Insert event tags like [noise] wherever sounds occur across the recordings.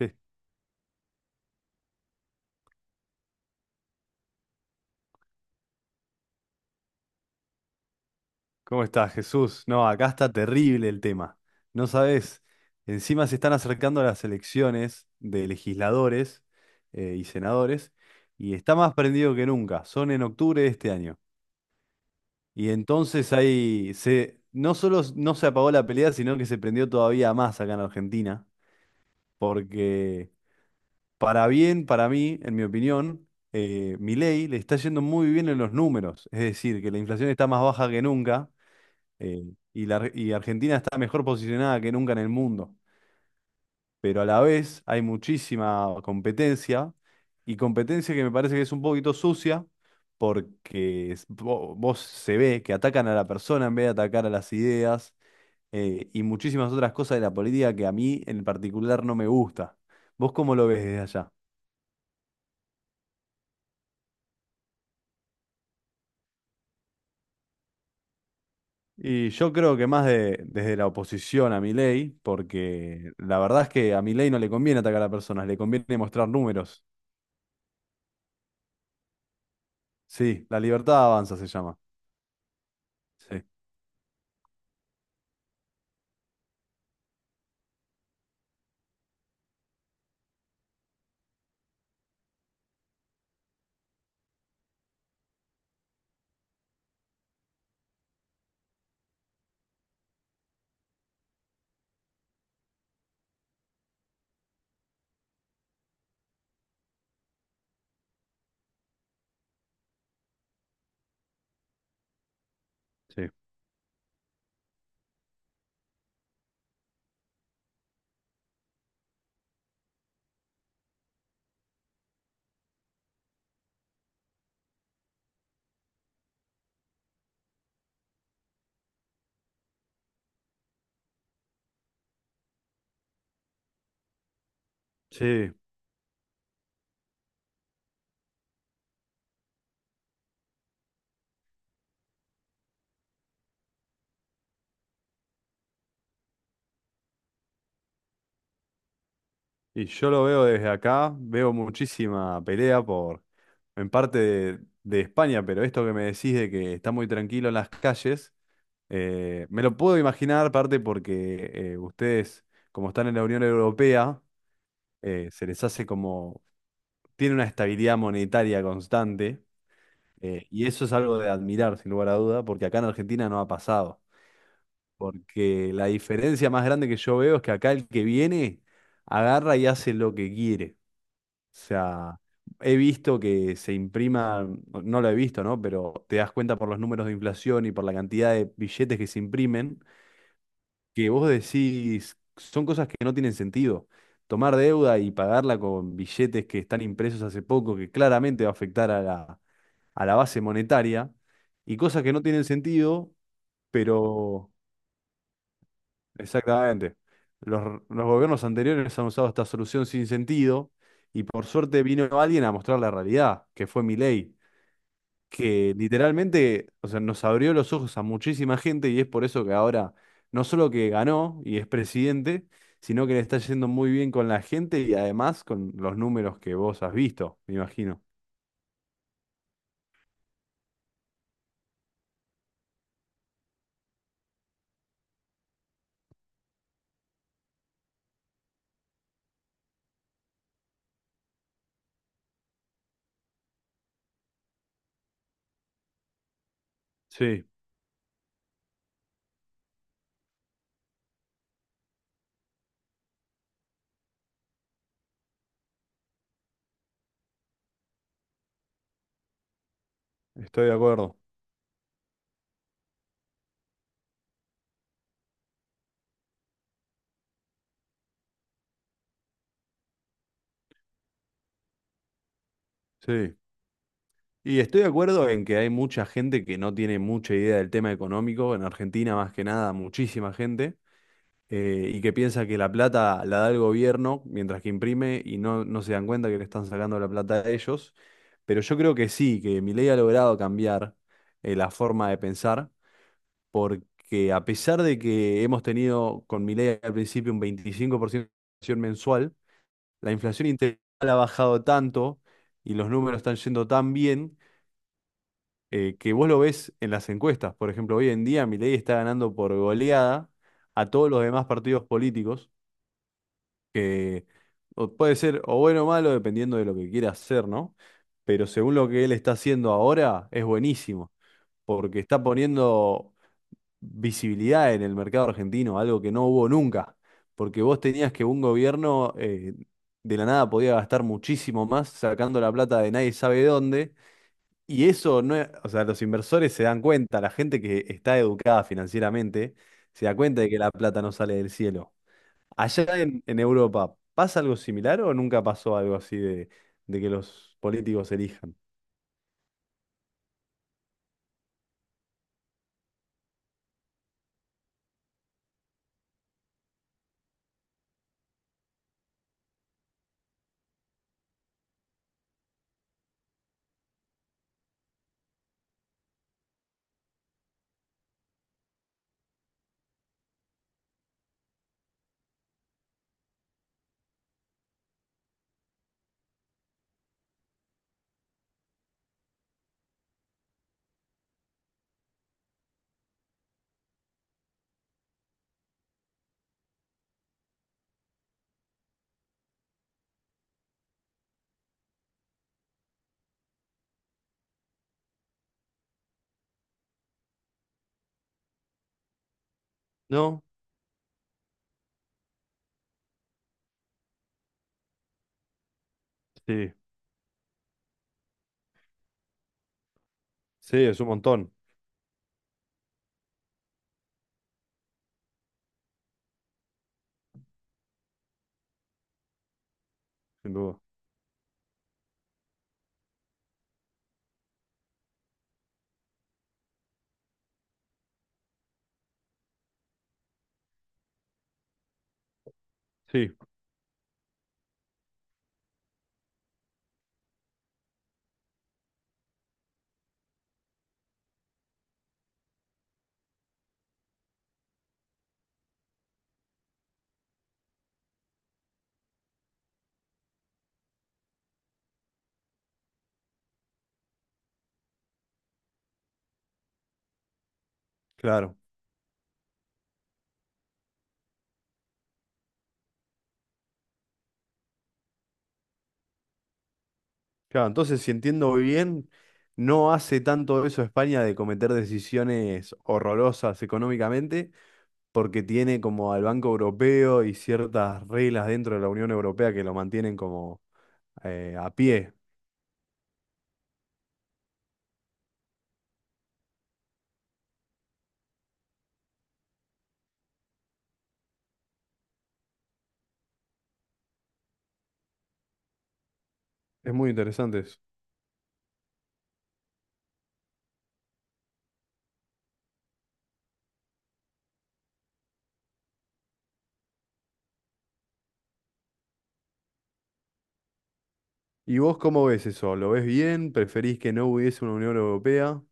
Eh, ¿Cómo estás, Jesús? No, acá está terrible el tema. No sabes, encima se están acercando las elecciones de legisladores y senadores y está más prendido que nunca. Son en octubre de este año. Y entonces no solo no se apagó la pelea, sino que se prendió todavía más acá en Argentina, porque para bien, para mí, en mi opinión, Milei le está yendo muy bien en los números, es decir, que la inflación está más baja que nunca, eh, y Argentina está mejor posicionada que nunca en el mundo, pero a la vez hay muchísima competencia y competencia que me parece que es un poquito sucia, porque vos, se ve que atacan a la persona en vez de atacar a las ideas, y muchísimas otras cosas de la política que a mí en particular no me gusta. ¿Vos cómo lo ves desde allá? Y yo creo que más desde la oposición a Milei, porque la verdad es que a Milei no le conviene atacar a personas, le conviene mostrar números. Sí, la libertad avanza se llama. Sí, sí. Sí. Y yo lo veo desde acá, veo muchísima pelea por, en parte de España, pero esto que me decís de que está muy tranquilo en las calles, me lo puedo imaginar, parte porque ustedes, como están en la Unión Europea, se les hace como, tiene una estabilidad monetaria constante, y eso es algo de admirar, sin lugar a duda, porque acá en Argentina no ha pasado, porque la diferencia más grande que yo veo es que acá el que viene agarra y hace lo que quiere. O sea, he visto que se imprima, no lo he visto, ¿no? Pero te das cuenta por los números de inflación y por la cantidad de billetes que se imprimen, que vos decís, son cosas que no tienen sentido. Tomar deuda y pagarla con billetes que están impresos hace poco, que claramente va a afectar a la base monetaria, y cosas que no tienen sentido, pero exactamente. Los gobiernos anteriores han usado esta solución sin sentido y por suerte vino alguien a mostrar la realidad, que fue Milei, que literalmente, o sea, nos abrió los ojos a muchísima gente, y es por eso que ahora no solo que ganó y es presidente, sino que le está yendo muy bien con la gente y además con los números que vos has visto, me imagino. Sí, estoy de acuerdo. Sí. Y estoy de acuerdo en que hay mucha gente que no tiene mucha idea del tema económico, en Argentina más que nada, muchísima gente, y que piensa que la plata la da el gobierno mientras que imprime y no, no se dan cuenta que le están sacando la plata a ellos. Pero yo creo que sí, que Milei ha logrado cambiar la forma de pensar, porque a pesar de que hemos tenido con Milei al principio un 25% de inflación mensual, la inflación integral ha bajado tanto y los números están yendo tan bien, que vos lo ves en las encuestas. Por ejemplo, hoy en día Milei está ganando por goleada a todos los demás partidos políticos, que o puede ser o bueno o malo dependiendo de lo que quiera hacer, ¿no? Pero según lo que él está haciendo ahora, es buenísimo, porque está poniendo visibilidad en el mercado argentino, algo que no hubo nunca, porque vos tenías que un gobierno, de la nada podía gastar muchísimo más sacando la plata de nadie sabe dónde, y eso no es, o sea, los inversores se dan cuenta, la gente que está educada financieramente se da cuenta de que la plata no sale del cielo. Allá en Europa, ¿pasa algo similar o nunca pasó algo así de que los políticos elijan? No, sí, sí, es un montón, sin duda. Sí, claro. Claro, entonces si entiendo bien, no hace tanto eso España de cometer decisiones horrorosas económicamente, porque tiene como al Banco Europeo y ciertas reglas dentro de la Unión Europea que lo mantienen como a pie. Es muy interesante eso. ¿Y vos cómo ves eso? ¿Lo ves bien? ¿Preferís que no hubiese una Unión Europea?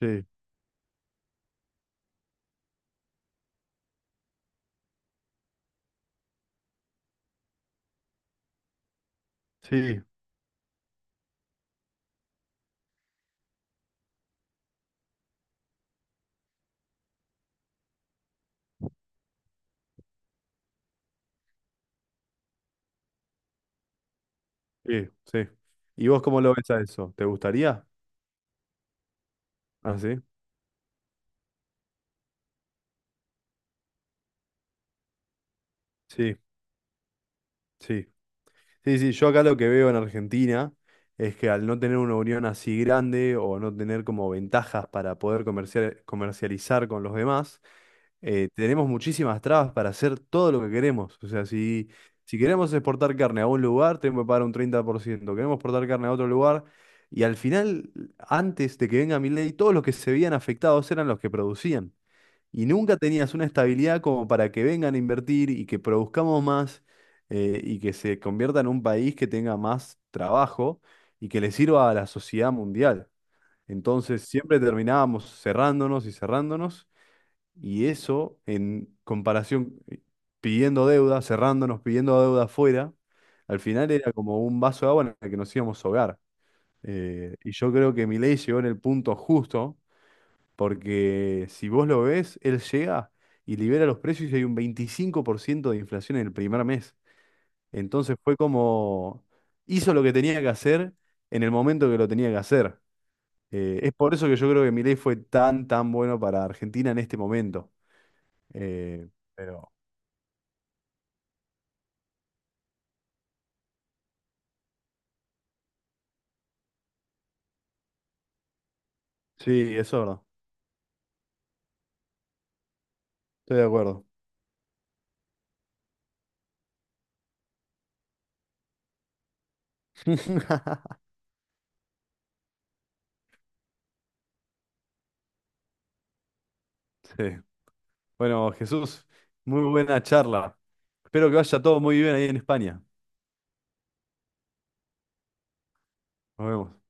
Sí, sí, sí, sí. ¿Y vos cómo lo ves a eso? ¿Te gustaría? Ah, sí, sí, sí. Sí, sí, yo acá lo que veo en Argentina es que al no tener una unión así grande o no tener como ventajas para poder comercializar con los demás, tenemos muchísimas trabas para hacer todo lo que queremos. O sea, si queremos exportar carne a un lugar, tenemos que pagar un 30%. Queremos exportar carne a otro lugar. Y al final, antes de que venga mi ley, todos los que se veían afectados eran los que producían y nunca tenías una estabilidad como para que vengan a invertir y que produzcamos más, y que se convierta en un país que tenga más trabajo y que le sirva a la sociedad mundial. Entonces siempre terminábamos cerrándonos y cerrándonos, y eso en comparación, pidiendo deuda, cerrándonos, pidiendo deuda afuera, al final era como un vaso de agua en el que nos íbamos a ahogar. Y yo creo que Milei llegó en el punto justo, porque si vos lo ves, él llega y libera los precios y hay un 25% de inflación en el primer mes. Entonces fue como hizo lo que tenía que hacer en el momento que lo tenía que hacer. Es por eso que yo creo que Milei fue tan, tan bueno para Argentina en este momento. Eh, pero sí, eso es verdad. Estoy de acuerdo. [laughs] Sí. Bueno, Jesús, muy buena charla. Espero que vaya todo muy bien ahí en España. Nos vemos.